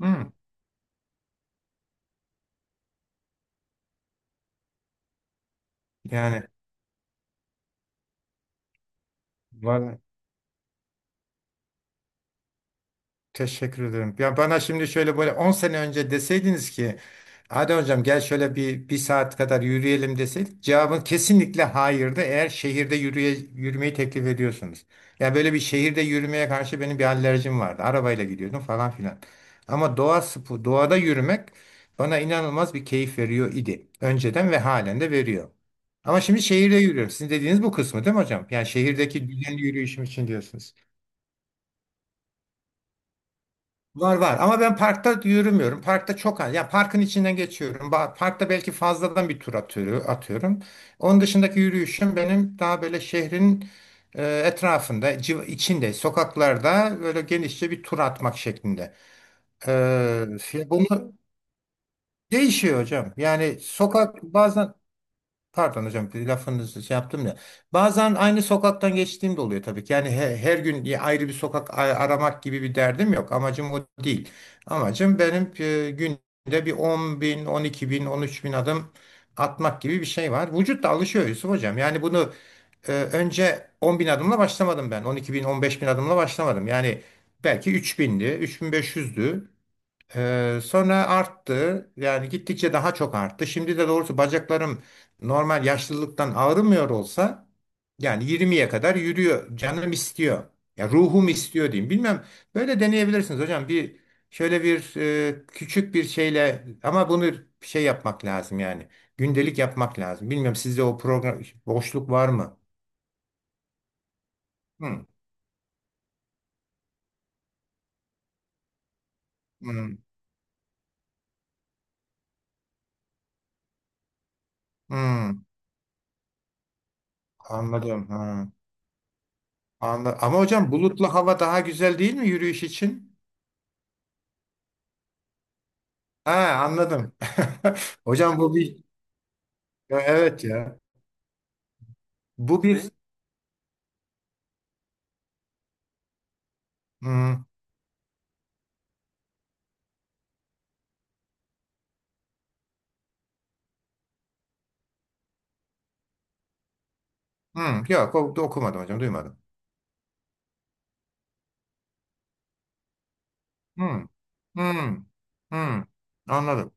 Hı, yani var, teşekkür ederim. Ya bana şimdi şöyle böyle 10 sene önce deseydiniz ki hadi hocam gel şöyle bir saat kadar yürüyelim deseydik cevabın kesinlikle hayırdı eğer şehirde yürümeyi teklif ediyorsunuz. Yani böyle bir şehirde yürümeye karşı benim bir alerjim vardı. Arabayla gidiyordum falan filan. Ama doğada yürümek bana inanılmaz bir keyif veriyor idi. Önceden ve halen de veriyor. Ama şimdi şehirde yürüyorum. Sizin dediğiniz bu kısmı değil mi hocam? Yani şehirdeki düzenli yürüyüşüm için diyorsunuz. Var var ama ben parkta yürümüyorum. Parkta çok az. Ya parkın içinden geçiyorum. Parkta belki fazladan bir tur atıyorum, atıyorum. Onun dışındaki yürüyüşüm benim daha böyle şehrin etrafında, içinde, sokaklarda böyle genişçe bir tur atmak şeklinde. Bunu değişiyor hocam. Yani sokak bazen. Pardon hocam, bir lafınızı şey yaptım da. Bazen aynı sokaktan geçtiğim de oluyor tabii ki. Yani her gün bir ayrı bir sokak aramak gibi bir derdim yok. Amacım o değil. Amacım benim günde bir 10 bin, 12 bin, 13 bin adım atmak gibi bir şey var. Vücut da alışıyor, Yusuf hocam. Yani bunu önce 10 bin adımla başlamadım ben. 12 bin, 15 bin adımla başlamadım. Yani belki 3 bindi, 3500'dü. Sonra arttı. Yani gittikçe daha çok arttı. Şimdi de doğrusu bacaklarım normal yaşlılıktan ağrımıyor olsa yani 20'ye kadar yürüyor. Canım istiyor. Ya ruhum istiyor diyeyim. Bilmem, böyle deneyebilirsiniz hocam. Bir şöyle bir küçük bir şeyle ama bunu şey yapmak lazım yani. Gündelik yapmak lazım. Bilmiyorum, sizde o program boşluk var mı? Hmm, hmm, hmm, anladım. Ha, ama hocam bulutlu hava daha güzel değil mi yürüyüş için? Ha, anladım. Hocam bu bir. Ya, evet ya. Bu bir hmm, hmm, yok, okumadım hocam, duymadım. Hmm, hmm, hmm. Anladım.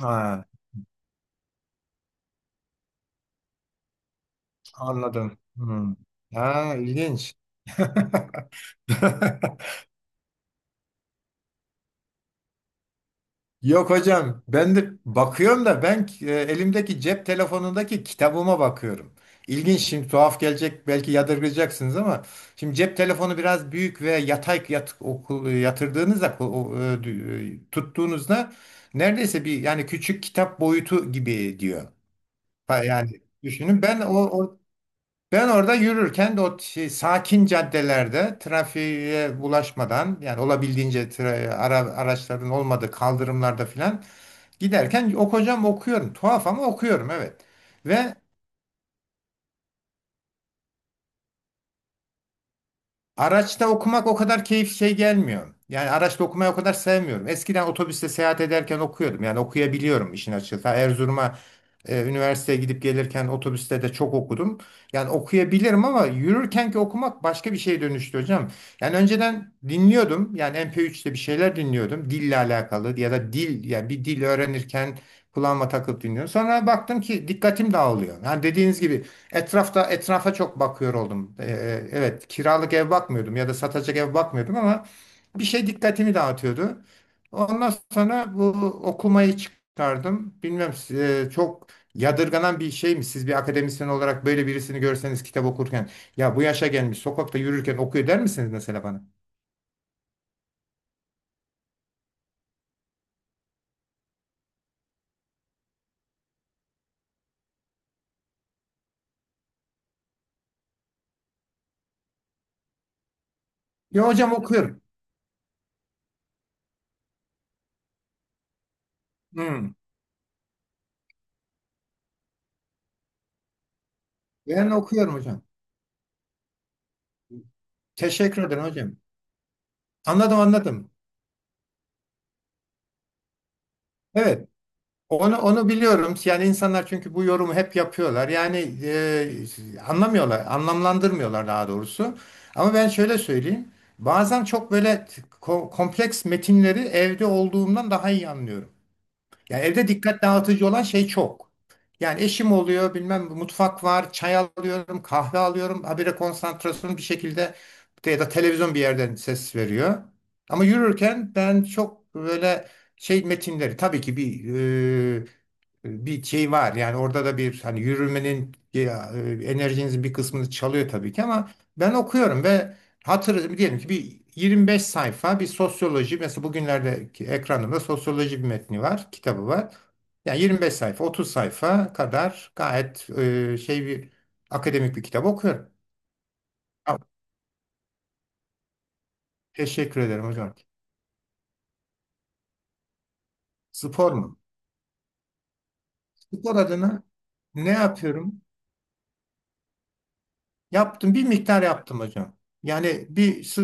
Ha, anladım. Hmm. Ha, ilginç. Yok hocam, ben de bakıyorum da ben elimdeki cep telefonundaki kitabıma bakıyorum. İlginç, şimdi tuhaf gelecek belki yadırgayacaksınız ama şimdi cep telefonu biraz büyük ve yatay yatırdığınızda ko- o, e, dü- e, tuttuğunuzda neredeyse bir yani küçük kitap boyutu gibi diyor. Ha, yani düşünün, ben ben orada yürürken de o şey, sakin caddelerde trafiğe bulaşmadan yani olabildiğince araçların olmadığı kaldırımlarda filan giderken okuyorum. Tuhaf ama okuyorum, evet. Ve araçta okumak o kadar keyif şey gelmiyor. Yani araçta okumayı o kadar sevmiyorum. Eskiden otobüste seyahat ederken okuyordum. Yani okuyabiliyorum işin açıkçası. Ta Erzurum'a üniversiteye gidip gelirken otobüste de çok okudum. Yani okuyabilirim ama yürürkenki okumak başka bir şeye dönüştü hocam. Yani önceden dinliyordum. Yani MP3'te bir şeyler dinliyordum. Dille alakalı ya da dil, yani bir dil öğrenirken kulağıma takıp dinliyorum. Sonra baktım ki dikkatim dağılıyor. Yani dediğiniz gibi etrafa çok bakıyor oldum. Evet, kiralık ev bakmıyordum ya da satacak ev bakmıyordum ama bir şey dikkatimi dağıtıyordu. Ondan sonra bu okumayı çıkardım. Bilmem, çok yadırganan bir şey mi? Siz bir akademisyen olarak böyle birisini görseniz kitap okurken, ya bu yaşa gelmiş sokakta yürürken okuyor der misiniz mesela bana? Ya hocam, okuyorum. Hmm. Ben okuyorum hocam. Teşekkür ederim hocam. Anladım, anladım. Evet. Onu biliyorum. Yani insanlar çünkü bu yorumu hep yapıyorlar. Yani anlamıyorlar, anlamlandırmıyorlar daha doğrusu. Ama ben şöyle söyleyeyim. Bazen çok böyle kompleks metinleri evde olduğumdan daha iyi anlıyorum. Ya evde dikkat dağıtıcı olan şey çok. Yani eşim oluyor, bilmem mutfak var, çay alıyorum, kahve alıyorum. Habire konsantrasyonum bir şekilde, ya da televizyon bir yerden ses veriyor. Ama yürürken ben çok böyle şey metinleri, tabii ki bir şey var. Yani orada da bir hani yürümenin ya, enerjinizin bir kısmını çalıyor tabii ki ama ben okuyorum ve hatır diyelim ki bir 25 sayfa bir sosyoloji, mesela bugünlerdeki ekranımda sosyoloji bir metni var, kitabı var. Yani 25 sayfa, 30 sayfa kadar gayet bir akademik bir kitap okuyorum. Ya, teşekkür ederim hocam. Spor mu? Spor adına ne yapıyorum? Yaptım, bir miktar yaptım hocam. Yani bir s-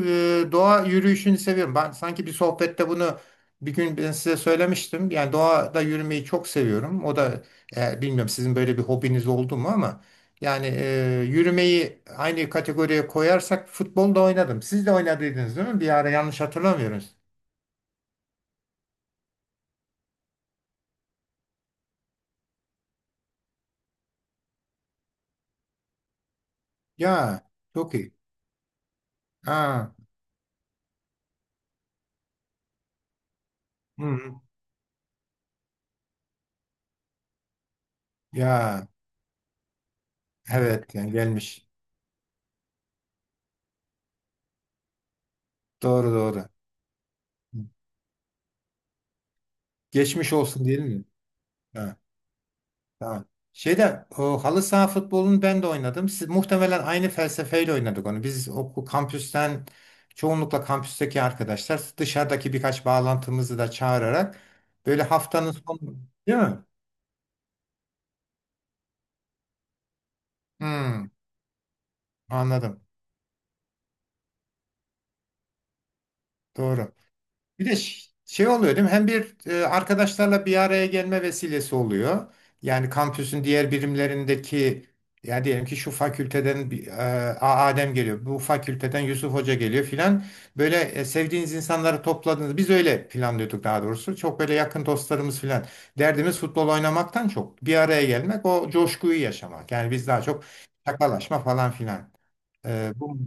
e, doğa yürüyüşünü seviyorum. Ben sanki bir sohbette bunu bir gün ben size söylemiştim. Yani doğada yürümeyi çok seviyorum. O da, bilmiyorum sizin böyle bir hobiniz oldu mu ama yani yürümeyi aynı kategoriye koyarsak futbolda oynadım. Siz de oynadıydınız değil mi? Bir ara, yanlış hatırlamıyoruz. Ya çok iyi. Ha. Hı. Ya, evet yani gelmiş. Doğru doğru. Geçmiş olsun diyelim mi? Ha. Tamam. Şeyde, o halı saha futbolunu ben de oynadım. Siz muhtemelen aynı felsefeyle oynadık onu. Biz okul kampüsten, çoğunlukla kampüsteki arkadaşlar, dışarıdaki birkaç bağlantımızı da çağırarak böyle haftanın sonu, değil mi? Hmm, anladım. Doğru. Bir de şey oluyor değil mi? Hem bir arkadaşlarla bir araya gelme vesilesi oluyor. Yani kampüsün diğer birimlerindeki, ya diyelim ki şu fakülteden bir, Adem geliyor. Bu fakülteden Yusuf Hoca geliyor filan. Böyle sevdiğiniz insanları topladınız. Biz öyle planlıyorduk daha doğrusu. Çok böyle yakın dostlarımız filan. Derdimiz futbol oynamaktan çok, bir araya gelmek, o coşkuyu yaşamak. Yani biz daha çok şakalaşma falan filan. E, bu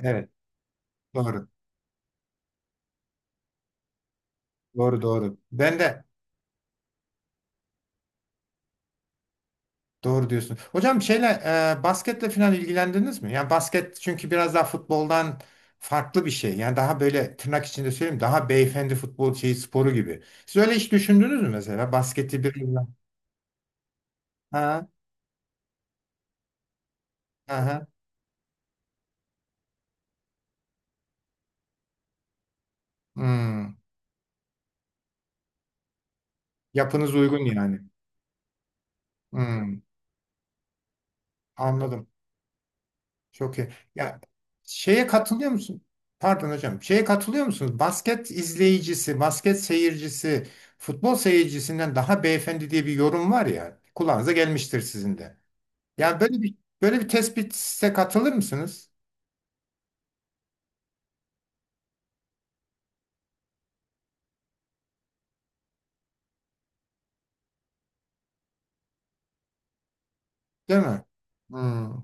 Evet, doğru. Doğru doğru. Ben de. Doğru diyorsun. Hocam, basketle falan ilgilendiniz mi? Yani basket çünkü biraz daha futboldan farklı bir şey. Yani daha böyle tırnak içinde söyleyeyim, daha beyefendi futbol şeyi sporu gibi. Siz öyle hiç düşündünüz mü mesela basketi bir? Ha, ha, ha. Hmm. Yapınız uygun yani. Hmm. Anladım. Çok iyi. Ya, şeye katılıyor musun? Pardon hocam. Şeye katılıyor musunuz? Basket izleyicisi, basket seyircisi, futbol seyircisinden daha beyefendi diye bir yorum var ya. Kulağınıza gelmiştir sizin de. Yani böyle bir tespite katılır mısınız? Değil mi? Hmm,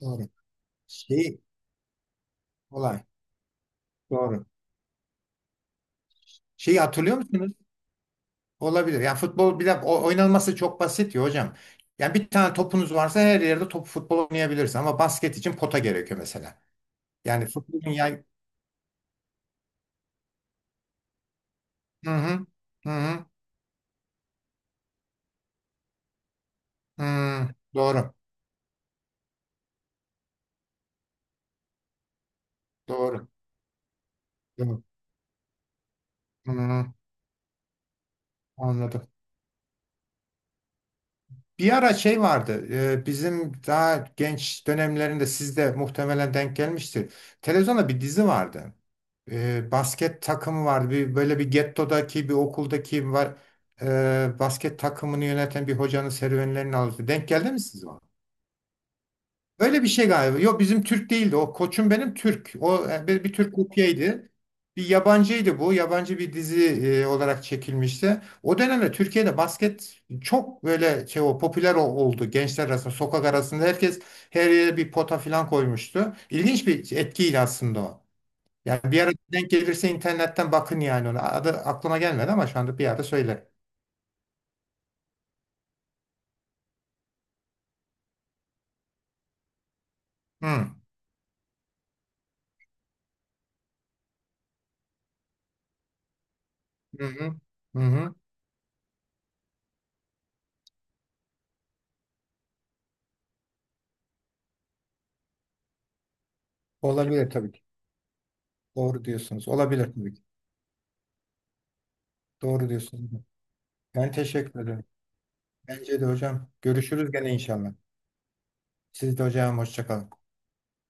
doğru. Şey olay. Doğru. Şeyi hatırlıyor musunuz? Olabilir. Yani futbol bir de oynanması çok basit ya hocam. Yani bir tane topunuz varsa her yerde top futbol oynayabilirsiniz ama basket için pota gerekiyor mesela. Yani futbolun yay... Hı hı. Hı hı. Hı. Doğru. Doğru. Doğru. Hı hı. Anladım. Bir ara şey vardı. Bizim daha genç dönemlerinde siz de muhtemelen denk gelmiştir. Televizyonda bir dizi vardı. Basket takımı vardı. Bir, böyle bir gettodaki bir okuldaki var, basket takımını yöneten bir hocanın serüvenlerini alıyordu. Denk geldi mi siz? Öyle bir şey galiba. Yok bizim, Türk değildi. O koçum benim Türk. O bir Türk kopyaydı. Bir yabancıydı bu. Yabancı bir dizi olarak çekilmişti. O dönemde Türkiye'de basket çok böyle şey, o popüler oldu. Gençler arasında, sokak arasında herkes her yere bir pota falan koymuştu. İlginç bir etkiydi aslında o. Yani bir ara denk gelirse internetten bakın yani ona. Adı aklıma gelmedi ama şu anda bir yerde söylerim. Hı. Hı hı. Hı hı. Olabilir tabii ki. Doğru diyorsunuz. Olabilir tabii ki. Doğru diyorsunuz. Ben teşekkür ederim. Bence de hocam. Görüşürüz gene inşallah. Siz de hocam, hoşça kalın.